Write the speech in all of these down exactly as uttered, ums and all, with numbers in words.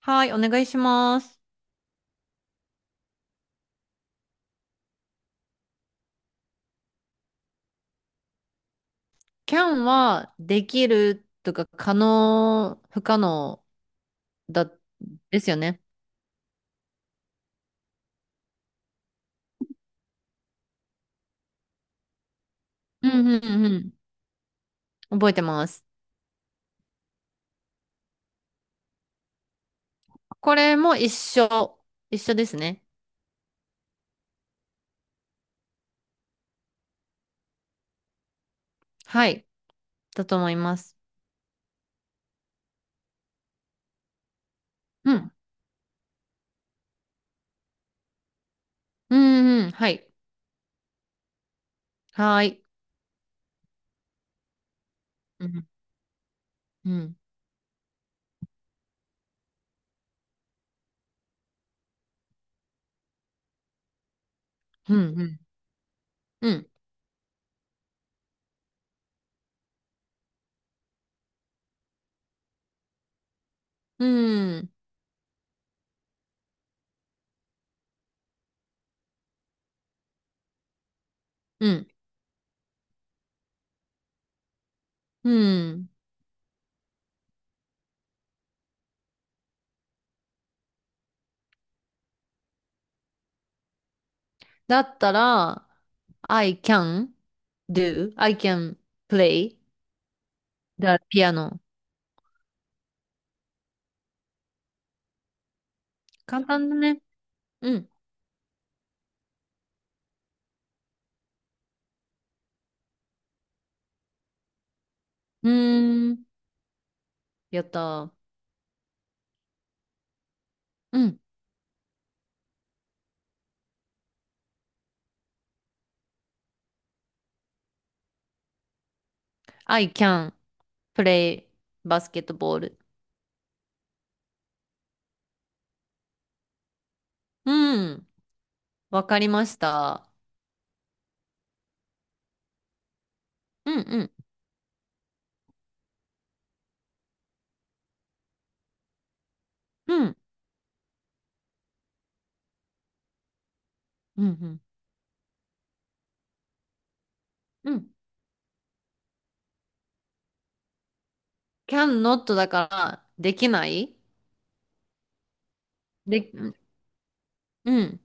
はい、お願いします。キャンはできるとか可能、不可能だ、ですよね。うんうんうんうん。覚えてます。これも一緒。一緒ですね。はい。だと思います。うん。うんうん。はい。はい。うん。うん。うん。うん。うん。うん。うん。だったら、I can do, I can play the piano. 簡単だね。うん。うーん。やったー。うん。I can play basketball. うん。わかりました。うんうん。うん。うんうん。うん。 can not だから、できない。で、うん。うん。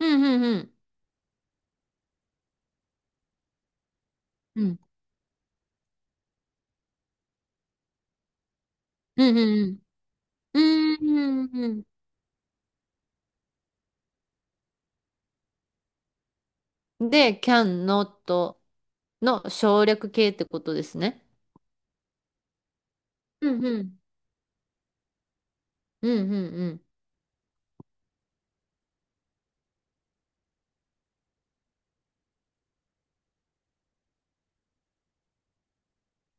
うんうんうん。うん。うんうんうん。うんうんうん。で、can not の省略形ってことですね。うんうん。うんうんうん。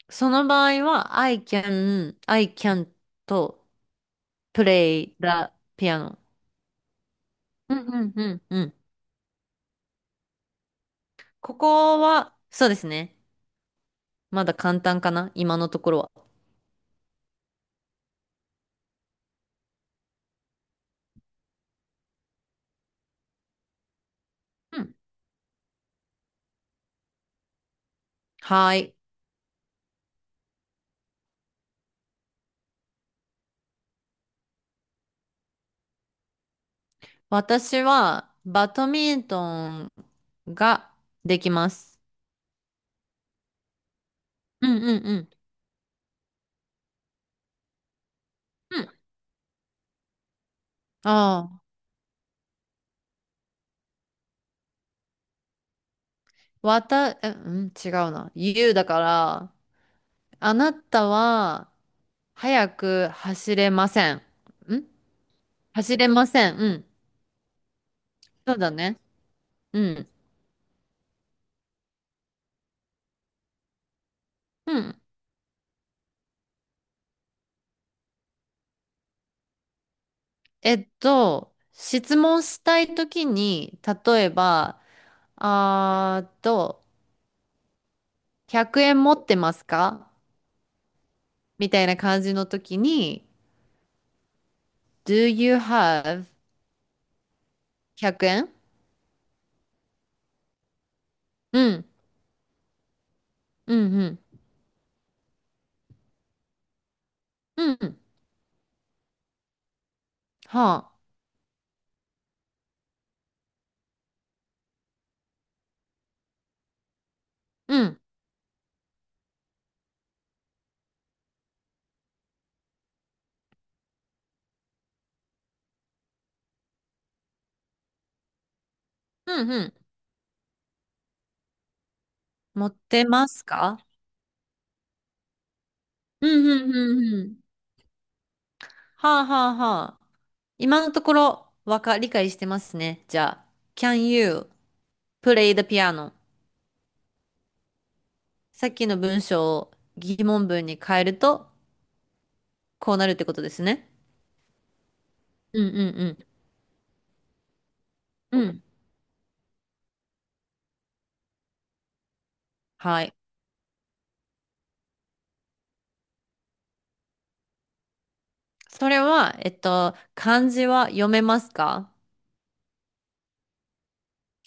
その場合は、I can, I can と play the piano.うんうんうんうん。ここは、そうですね。まだ簡単かな、今のところは。うん。はい。私は、バドミントンができます。うんうんうん。うん。ああ、わた、え、うん、違うな。言うだから、あなたは、早く走れません。ん走れません。うん。そうだね。うん。うん。えっと、質問したいときに、例えば、あーと、ひゃくえん持ってますかみたいな感じの時に、Do you have ひゃくえん？うん、うん、うん、うん、はあ、うん、うん、うん。持ってますか？うん、うん、うん、うん。はあ、はあ、はあ。今のところ、わか、理解してますね。じゃあ、Can you play the piano? さっきの文章を疑問文に変えると、こうなるってことですね。うん、うん、うん。うん。はい。それは、えっと、漢字は読めますか？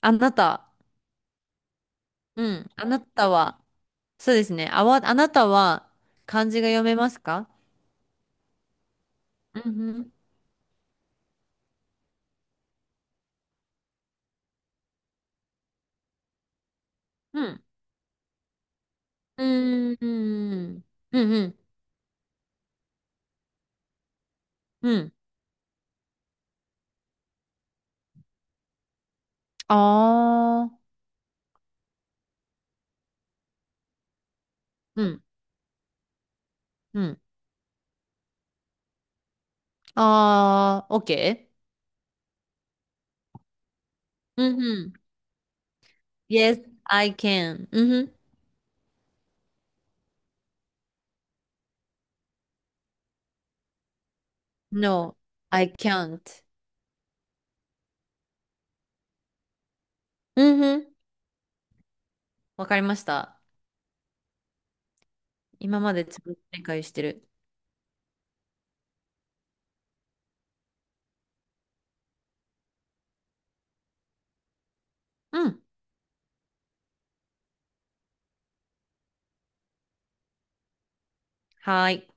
あなた、うん、あなたは、そうですね。あわ、あなたは漢字が読めますか？うんうん。うん。うん。うん。うん。うん。ああ。うん。うん。ああ、OK? うんうん。Yes, I can. うんうん。No, I can't. うんうん。わかりました。今までちゃんと理解してる。うん。はーい。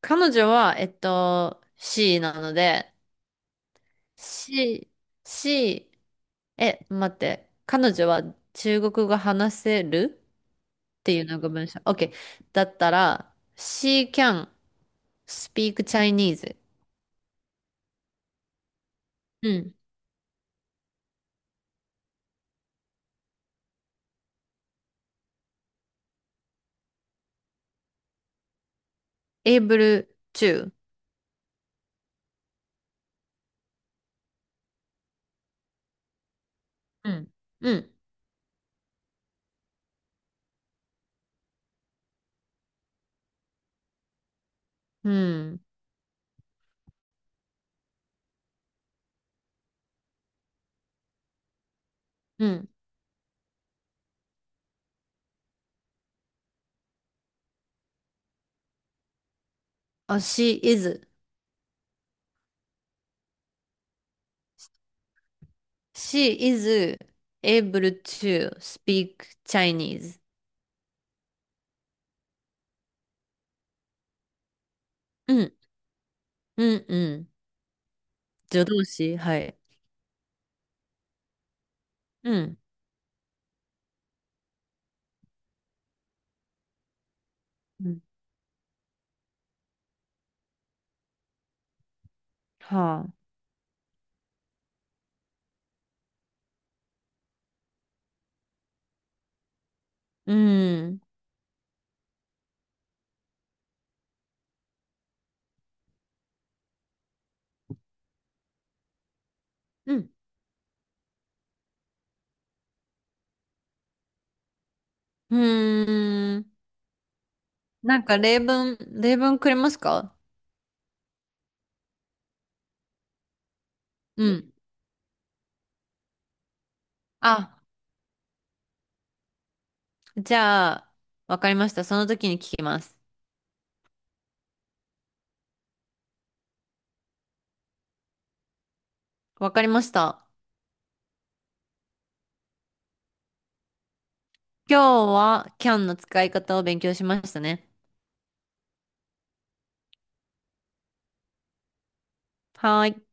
彼女は、えっと、C、 なので、C、C、え、待って、彼女は中国語話せるっていうのが文章。OK。だったら、She can speak Chinese. うん。able to. うん。うん。うん。うん。あ、she is. She is able to speak Chinese. うん。うん。うん。助動詞。はい。うん。うん。はあ。うん。うん。うーん。なんか例文、例文くれますか？うん。あ、じゃあ、わかりました。その時に聞きます。わかりました。今日はキャンの使い方を勉強しましたね。はーい。